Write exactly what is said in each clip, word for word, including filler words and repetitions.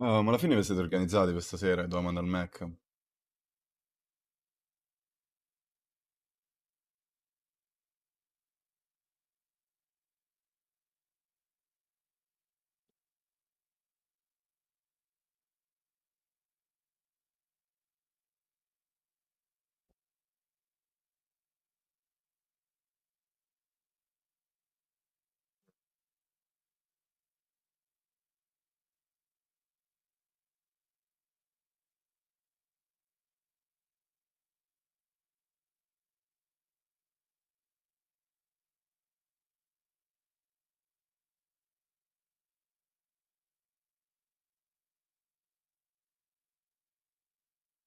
Ah, ma alla fine vi siete organizzati questa sera e domanda al Mac?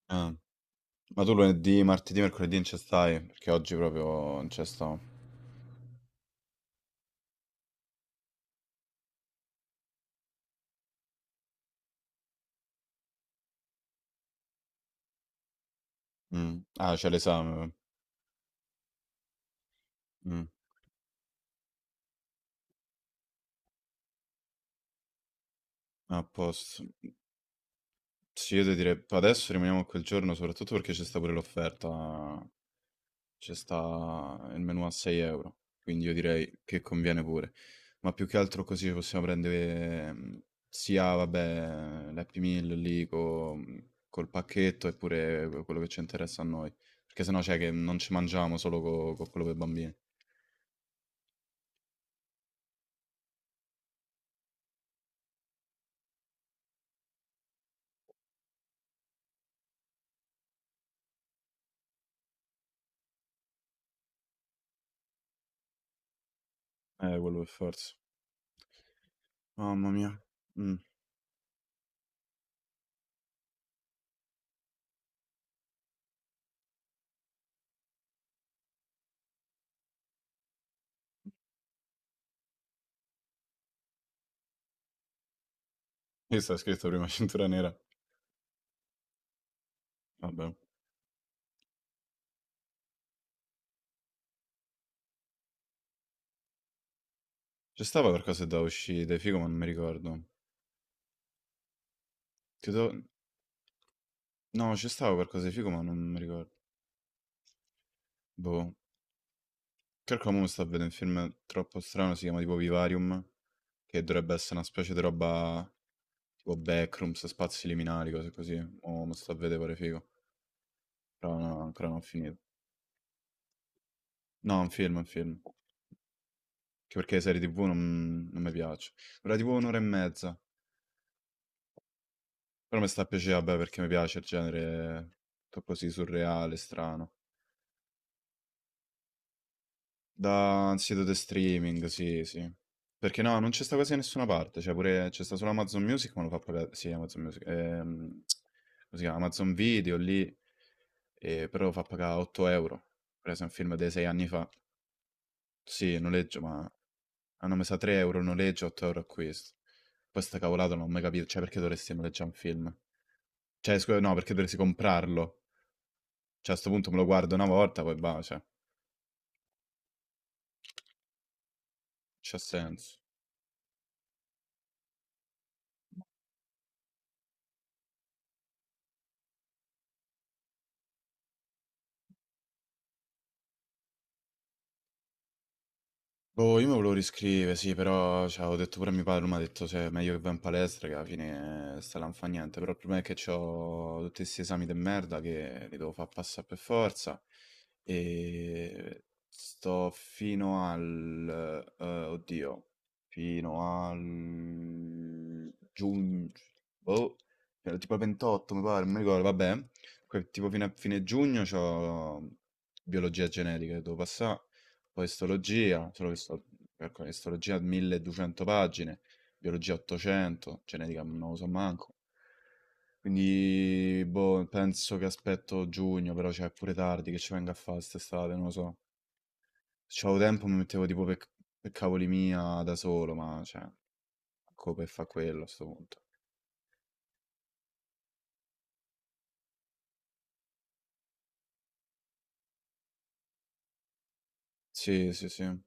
Ah, ma tu lunedì, martedì, mercoledì non ci stai? Perché oggi proprio non ci sto. Mm. Ah, c'è l'esame. Mm. Ah, a posto. Sì, io ti direi adesso rimaniamo a quel giorno, soprattutto perché c'è sta pure l'offerta. C'è sta il menù a sei euro, quindi io direi che conviene pure. Ma più che altro così possiamo prendere mh, sia, vabbè, l'Happy Meal lì co- mm, col pacchetto e pure quello che ci interessa a noi. Perché sennò c'è che non ci mangiamo solo co- con quello per bambini. Eh, quello per forza. Mamma mia. Mm. Qui sta scritto prima cintura nera. Vabbè. C'è stava qualcosa da uscire, figo, ma non mi ricordo. Ti do- No, c'è stava qualcosa di figo, ma non mi ricordo. Boh. Calcola mo mi sta a vedere un film troppo strano, si chiama tipo Vivarium, che dovrebbe essere una specie di roba tipo backrooms, spazi liminari, cose così. Mo mi sta a vedere pare figo, però no, ancora non ho finito. No, un film, un film. Che perché le serie T V non, non mi piace. Dura tipo un'ora e mezza, però mi sta a piacere, vabbè, perché mi piace il genere tutto così surreale, strano. Da un sito di streaming, sì, sì. Perché no, non c'è sta quasi da nessuna parte, cioè pure c'è sta solo Amazon Music, ma lo fa pagare, sì, Amazon Music, ehm, come si chiama? Amazon Video lì, eh, però lo fa pagare otto euro, per esempio un film dei sei anni fa, sì, noleggio, ma hanno messo a tre euro il noleggio, otto euro acquisto. Poi sta cavolata non ho mai capito, cioè perché dovresti noleggiare un film? Cioè, scusa, no, perché dovresti comprarlo? Cioè, a sto punto me lo guardo una volta, poi va, cioè, c'ha senso. Boh, io me volevo riscrivere, sì, però cioè, ho detto pure a mio padre, mi ha detto se è meglio che vai in palestra, che alla fine eh, sta là non fa niente, però il problema è che ho tutti questi esami di merda che li devo far passare per forza e sto fino al, eh, oddio, fino al giugno, boh, fino al tipo al ventotto mi pare, non mi ricordo, vabbè, que- tipo fino a fine giugno ho biologia genetica che devo passare poi istologia, solo che sto- calcola che istologia milleduecento pagine, biologia ottocento, genetica non lo so manco. Quindi, boh, penso che aspetto giugno, però c'è pure tardi che ci venga a fare quest'estate, non lo so. Se c'avevo tempo mi mettevo tipo per, per cavoli mia da solo, ma cioè, come per fa quello a sto punto. Sì, sì, sì. Ma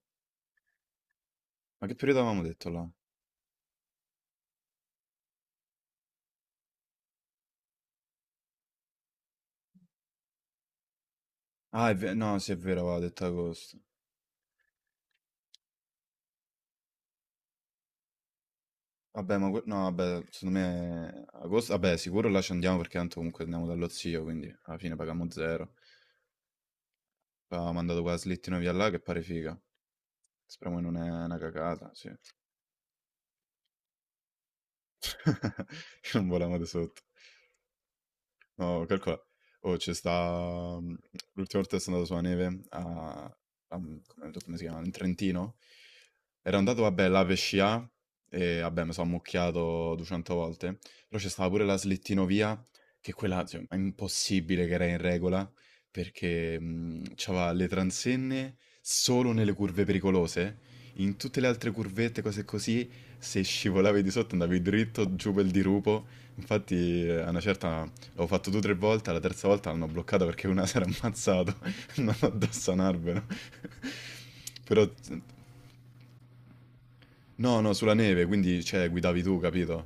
che periodo avevamo detto là? Ah, è ve- no, sì, è vero, avevamo detto agosto. Vabbè, ma que no, vabbè, secondo me agosto vabbè, sicuro là ci andiamo perché tanto comunque andiamo dallo zio, quindi alla fine pagammo zero. Poi avevamo mandato quella slittino via là che pare figa. Speriamo che non è una cagata, sì. Che non voliamo di sotto. No, calcola. Oh, c'è sta... mh, l'ultima volta che sono andato sulla neve, a, a- come, come si chiama? In Trentino. Ero andato, vabbè, là per scià, e vabbè, mi sono ammucchiato duecento volte. Però c'è stata pure la slittinovia, che quella, cioè, è impossibile che era in regola, perché mh, c'aveva le transenne solo nelle curve pericolose. In tutte le altre curvette, cose così, se scivolavi di sotto andavi dritto giù per il dirupo. Infatti, eh, a una certa l'ho fatto due o tre volte, la terza volta l'hanno bloccata perché una si era ammazzato, non addosso a un albero. Però, no, no, sulla neve, quindi, cioè, guidavi tu, capito?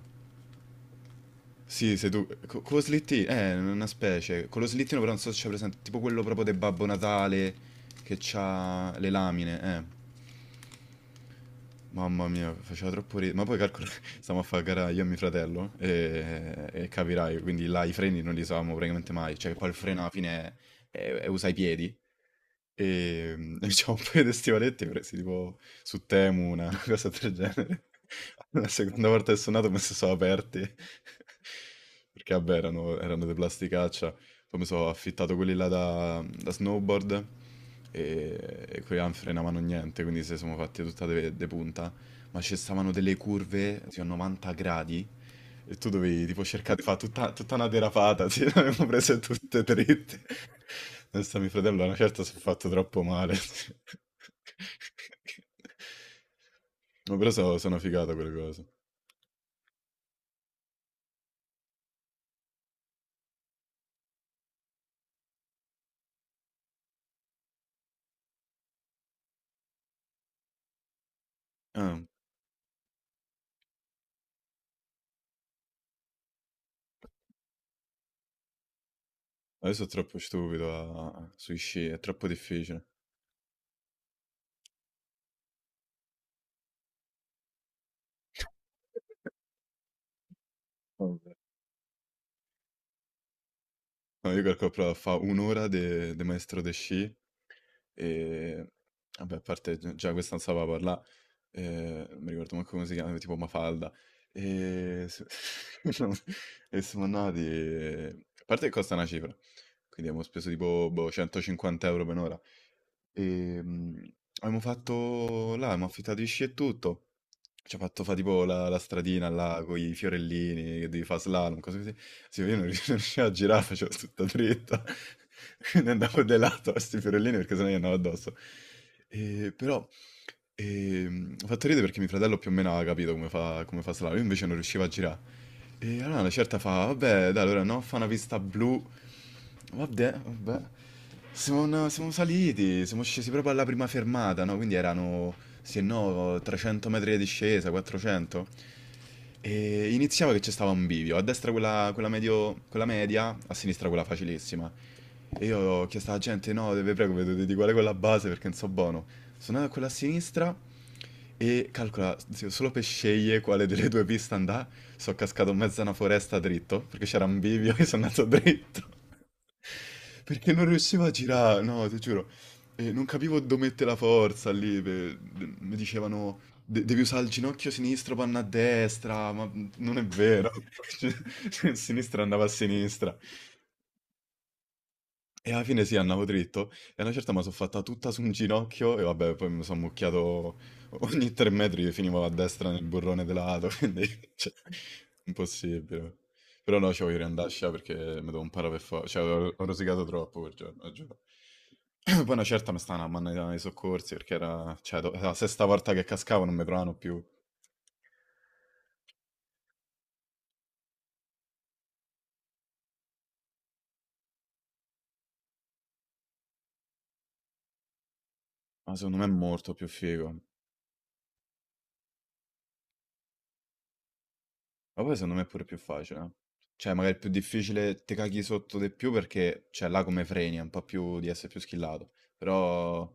Sì, sei tu. Co- con lo slittino, eh, una specie. Con lo slittino però non so se c'è presente, tipo quello proprio del Babbo Natale, che c'ha le lamine, eh. Mamma mia, faceva troppo ridere. Ma poi calcolo, stiamo a fare gara io e mio fratello e, e capirai, quindi là i freni non li usavamo praticamente mai, cioè poi il freno alla fine è, è- usa i piedi. E mm, c'è un paio di stivaletti presi tipo su Temu, una cosa del genere. La seconda volta che sono andato mi si sono aperti. Perché vabbè erano, erano di plasticaccia, poi mi sono affittato quelli là da, da snowboard e, e quelli là non frenavano niente, quindi se siamo fatti tutta de, de punta. Ma ci stavano delle curve, sì, a novanta gradi, e tu dovevi tipo cercare di fare tutta, tutta una derapata, sì, l'avevamo prese tutte dritte. Adesso mio fratello a una certa si è fatto troppo male. Sì. No, però so- sono figato quelle cose. Ah, adesso è troppo stupido a- a- sui sci, è troppo difficile. No, io calcolo però fa un'ora de, de maestro de sci e vabbè, a parte gi- già questa non sapeva parlare, eh, non mi ricordo manco come si chiama, tipo Mafalda. E, s- e siamo andati, a parte che costa una cifra, quindi abbiamo speso tipo boh, centocinquanta euro per un'ora. Ehm, abbiamo fatto là, abbiamo affittato i sci e tutto. Ci ha fatto fa tipo la, la stradina là con i fiorellini, che devi fare slalom, cose così. Sì, io non rius- non riuscivo a girare, facevo tutta dritta. Quindi andavo delato a questi fiorellini perché sennò gli andavo addosso. E però, Ehm, ha fatto ridere perché mio fratello più o meno aveva capito come fa, come fa Slava, io invece non riuscivo a girare. E allora una certa fa, vabbè, dai, allora no, fa una pista blu. Vabbè, vabbè. Siamo, una- siamo saliti, siamo scesi proprio alla prima fermata, no? Quindi erano, se no, trecento metri di discesa, quattrocento. E iniziava che c'è stava un bivio, a destra quella, quella medio- quella media, a sinistra quella facilissima. E io ho chiesto alla gente, no, vi prego, vedete di qual è quella base perché non so buono. Sono andata con la sinistra e calcola, zio, solo per scegliere quale delle due piste andare, sono cascato in mezzo a una foresta dritto, perché c'era un bivio e sono andato dritto. Perché non riuscivo a girare, no, ti giuro. E non capivo dove mettere la forza lì. per- Mi dicevano, "De- devi usare il ginocchio sinistro, panna a destra", ma non è vero. Cioè, sinistra andava a sinistra. E alla fine sì, andavo dritto e una certa me la so' fatta tutta su un ginocchio e vabbè, poi mi so' ammucchiato ogni tre metri, finivo a destra nel burrone dell'auto, quindi cioè impossibile. Però no, ci voglio riandà a scia perché mi devo imparare per for cioè ho ho rosicato troppo quel giorno, lo giuro. Poi una certa mi stavano a mannare i soccorsi perché era, cioè do era la sesta volta che cascavo, non mi provavano più, ma secondo me è molto più figo. Ma poi secondo me è pure più facile, eh. Cioè, magari è più difficile, te caghi sotto di più perché, cioè, là come freni, è un po' più di essere più skillato. Però,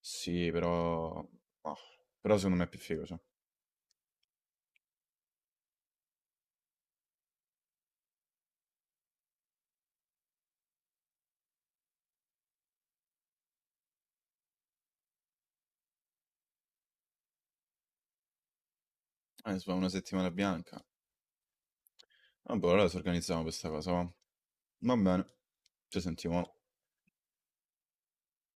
sì, però, ah, però secondo me è più figo, cioè. Adesso fa una settimana bianca. Vabbè, allora ci organizziamo questa cosa, va. Va bene, ci sentiamo.